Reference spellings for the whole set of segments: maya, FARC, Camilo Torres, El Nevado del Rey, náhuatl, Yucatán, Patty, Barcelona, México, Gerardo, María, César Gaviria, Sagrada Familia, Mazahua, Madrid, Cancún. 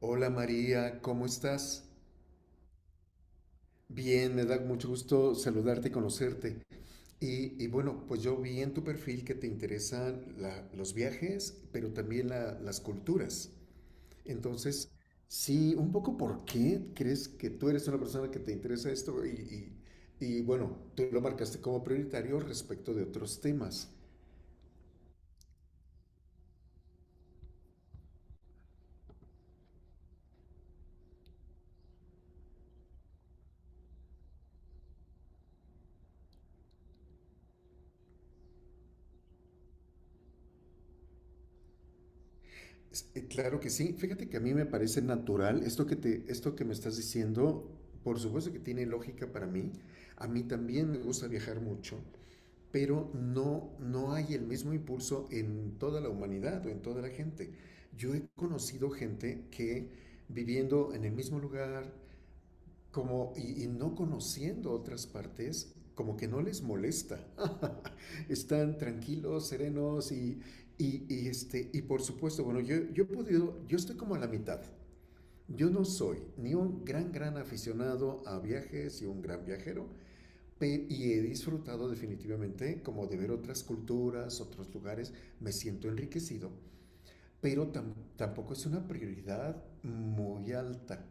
Hola María, ¿cómo estás? Bien, me da mucho gusto saludarte y conocerte. Y bueno, pues yo vi en tu perfil que te interesan los viajes, pero también las culturas. Entonces, sí, un poco por qué crees que tú eres una persona que te interesa esto y bueno, tú lo marcaste como prioritario respecto de otros temas. Claro que sí. Fíjate que a mí me parece natural esto que me estás diciendo, por supuesto que tiene lógica para mí. A mí también me gusta viajar mucho, pero no, no hay el mismo impulso en toda la humanidad o en toda la gente. Yo he conocido gente que viviendo en el mismo lugar, como, y no conociendo otras partes, como que no les molesta. Están tranquilos, serenos y por supuesto, bueno, yo he podido, yo estoy como a la mitad. Yo no soy ni un gran, gran aficionado a viajes y un gran viajero, y he disfrutado definitivamente como de ver otras culturas, otros lugares, me siento enriquecido, pero tampoco es una prioridad muy alta.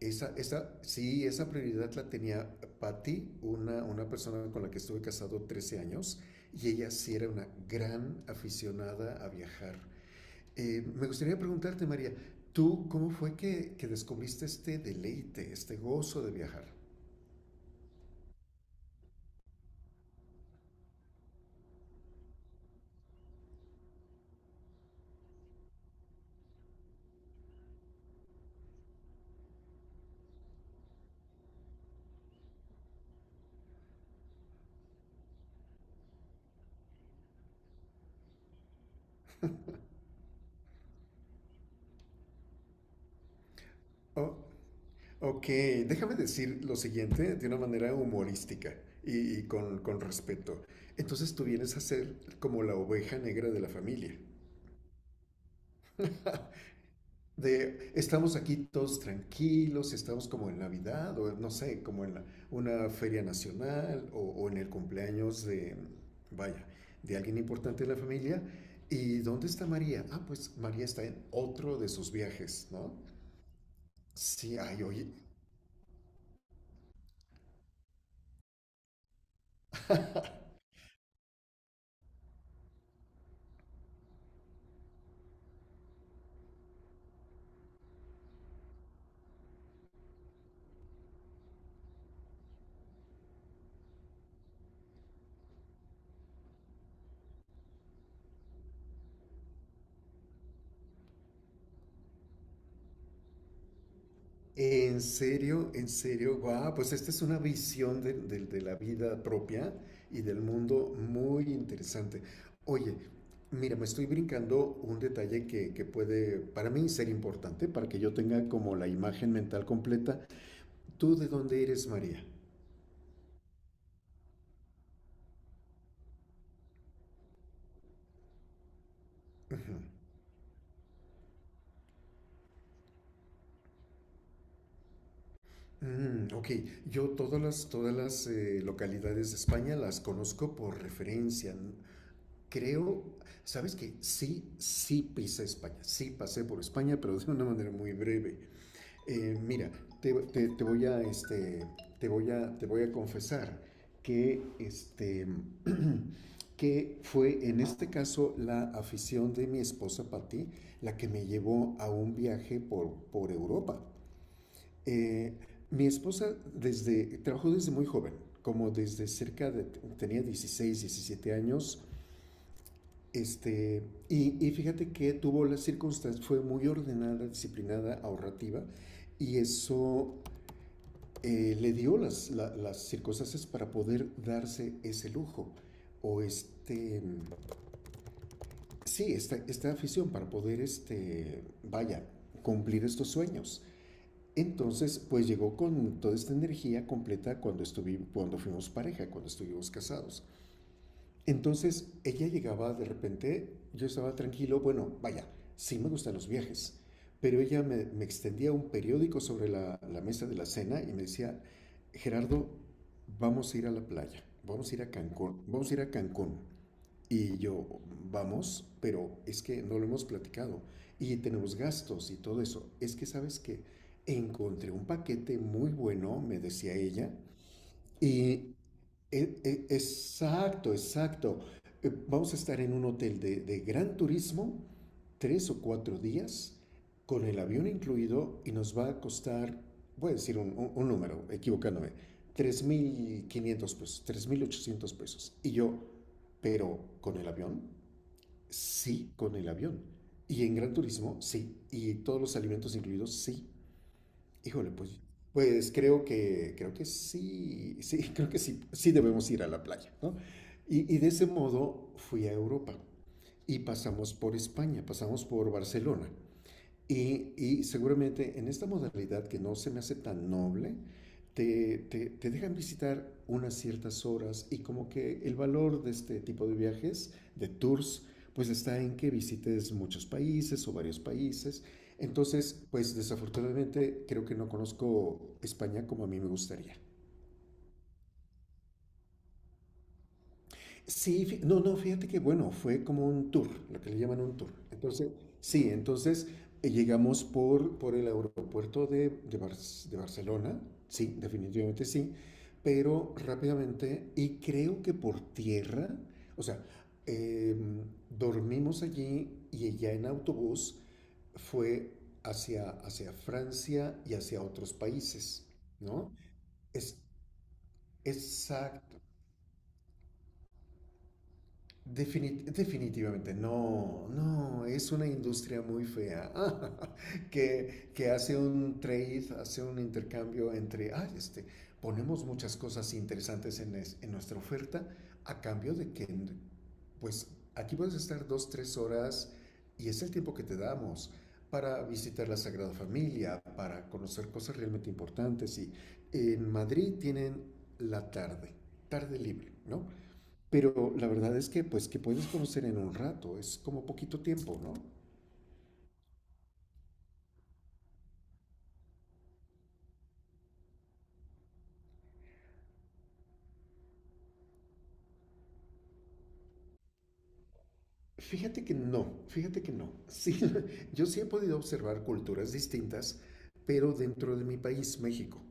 Esa, sí, esa prioridad la tenía Patty, una persona con la que estuve casado 13 años, y ella sí era una gran aficionada a viajar. Me gustaría preguntarte, María, ¿tú cómo fue que descubriste este deleite, este gozo de viajar? Oh, ok, déjame decir lo siguiente de una manera humorística y con respeto. Entonces tú vienes a ser como la oveja negra de la familia. De Estamos aquí todos tranquilos, si estamos como en Navidad o no sé, como en una feria nacional o en el cumpleaños vaya, de alguien importante de la familia. ¿Y dónde está María? Ah, pues María está en otro de sus viajes, ¿no? Sí, ay, oye. En serio, guau, pues esta es una visión de la vida propia y del mundo muy interesante. Oye, mira, me estoy brincando un detalle que puede para mí ser importante para que yo tenga como la imagen mental completa. ¿Tú de dónde eres, María? Mm, ok, yo todas las, todas las localidades de España las conozco por referencia. Creo, ¿sabes qué? Sí, sí pisé España, sí pasé por España, pero de una manera muy breve. Mira, te, te, te, voy a, este, te voy a confesar que, este, que fue en este caso la afición de mi esposa Patti la que me llevó a un viaje por Europa. Eh, Mi esposa trabajó desde muy joven, como desde cerca de, tenía 16, 17 años. Este, y fíjate que tuvo las circunstancias, fue muy ordenada, disciplinada, ahorrativa, y eso le dio las circunstancias para poder darse ese lujo o este, sí, esta afición para poder, vaya, cumplir estos sueños. Entonces, pues llegó con toda esta energía completa cuando fuimos pareja, cuando estuvimos casados. Entonces ella llegaba de repente, yo estaba tranquilo, bueno, vaya, sí me gustan los viajes, pero ella me extendía un periódico sobre la mesa de la cena y me decía, Gerardo, vamos a ir a la playa, vamos a ir a Cancún, vamos a ir a Cancún. Y yo, vamos, pero es que no lo hemos platicado y tenemos gastos y todo eso. Es que sabes que encontré un paquete muy bueno, me decía ella, y exacto, exacto. Vamos a estar en un hotel de gran turismo, 3 o 4 días, con el avión incluido, y nos va a costar, voy a decir un, un número, equivocándome, 3,500 pesos, 3,800 pesos. Y yo, pero con el avión, sí, con el avión. Y en gran turismo, sí. Y todos los alimentos incluidos, sí. Híjole, pues, creo que sí, sí, creo que sí, sí debemos ir a la playa, ¿no? Y de ese modo fui a Europa y pasamos por España, pasamos por Barcelona. Y seguramente en esta modalidad que no se me hace tan noble, te, te dejan visitar unas ciertas horas y como que el valor de este tipo de viajes, de tours, pues está en que visites muchos países o varios países. Entonces, pues desafortunadamente creo que no conozco España como a mí me gustaría. Sí, no, no, fíjate que bueno, fue como un tour, lo que le llaman un tour. Entonces, sí, llegamos por el aeropuerto de Barcelona, sí, definitivamente sí, pero rápidamente, y creo que por tierra, o sea, em, dormimos allí y ya en autobús fue hacia Francia y hacia otros países, ¿no? Es, exacto, definitivamente, no, no, es una industria muy fea que hace un trade, hace un intercambio entre, ay, ponemos muchas cosas interesantes en nuestra oferta a cambio de que, pues, aquí puedes estar dos, tres horas y es el tiempo que te damos para visitar la Sagrada Familia, para conocer cosas realmente importantes. Y en Madrid tienen la tarde, tarde libre, ¿no? Pero la verdad es que, pues, que puedes conocer en un rato, es como poquito tiempo, ¿no? Fíjate que no, fíjate que no. Sí, yo sí he podido observar culturas distintas, pero dentro de mi país, México,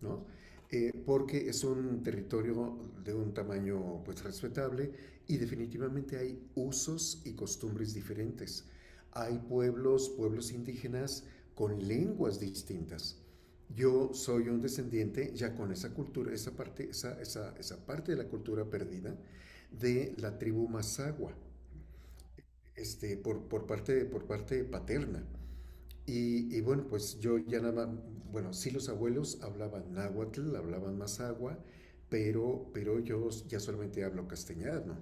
¿no? Porque es un territorio de un tamaño pues respetable y definitivamente hay usos y costumbres diferentes. Hay pueblos, pueblos indígenas con lenguas distintas. Yo soy un descendiente ya con esa cultura, esa parte, esa parte de la cultura perdida de la tribu Mazahua por parte paterna. Y, bueno, pues yo ya nada más, bueno, sí los abuelos hablaban náhuatl, hablaban mazagua, pero yo ya solamente hablo castellano,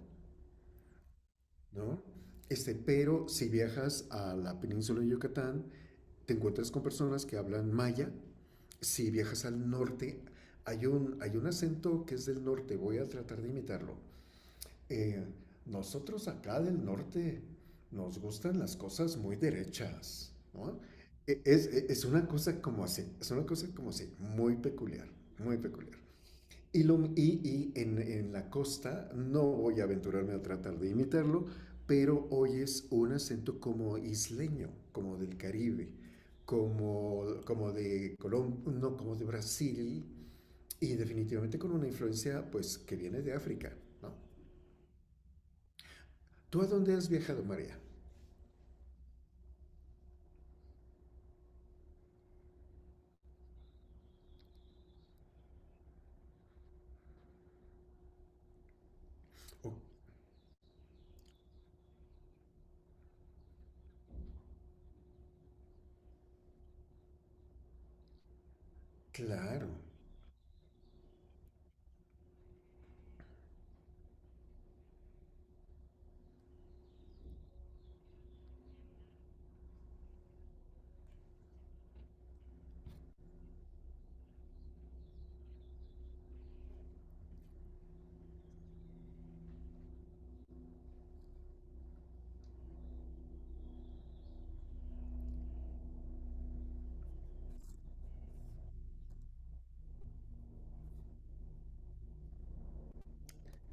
¿no? Pero si viajas a la península de Yucatán, te encuentras con personas que hablan maya. Si viajas al norte, hay un acento que es del norte, voy a tratar de imitarlo. Eh, Nosotros acá del norte nos gustan las cosas muy derechas, ¿no? Es una cosa como así, es una cosa como así, muy peculiar, muy peculiar. Y en la costa, no voy a aventurarme a tratar de imitarlo, pero oyes un acento como isleño, como del Caribe, como de Colombia, no, como de Brasil, y definitivamente con una influencia pues que viene de África, ¿no? ¿Tú a dónde has viajado, María? Oh, claro.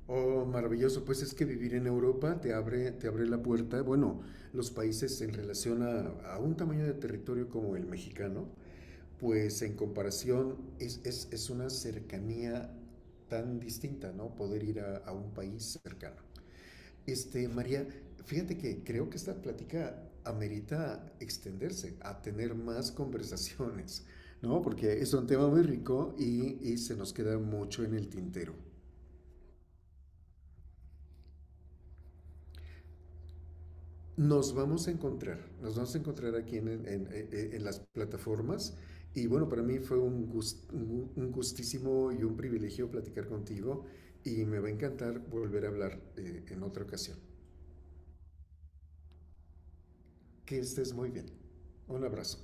Oh, maravilloso. Pues es que vivir en Europa te abre la puerta. Bueno, los países en relación a un tamaño de territorio como el mexicano, pues en comparación es, es una cercanía tan distinta, ¿no? Poder ir a un país cercano. María, fíjate que creo que esta plática amerita extenderse, a tener más conversaciones, ¿no? Porque es un tema muy rico y se nos queda mucho en el tintero. Nos vamos a encontrar, nos vamos a encontrar aquí en, en las plataformas y bueno, para mí fue un gustísimo y un privilegio platicar contigo y me va a encantar volver a hablar en otra ocasión. Que estés muy bien. Un abrazo.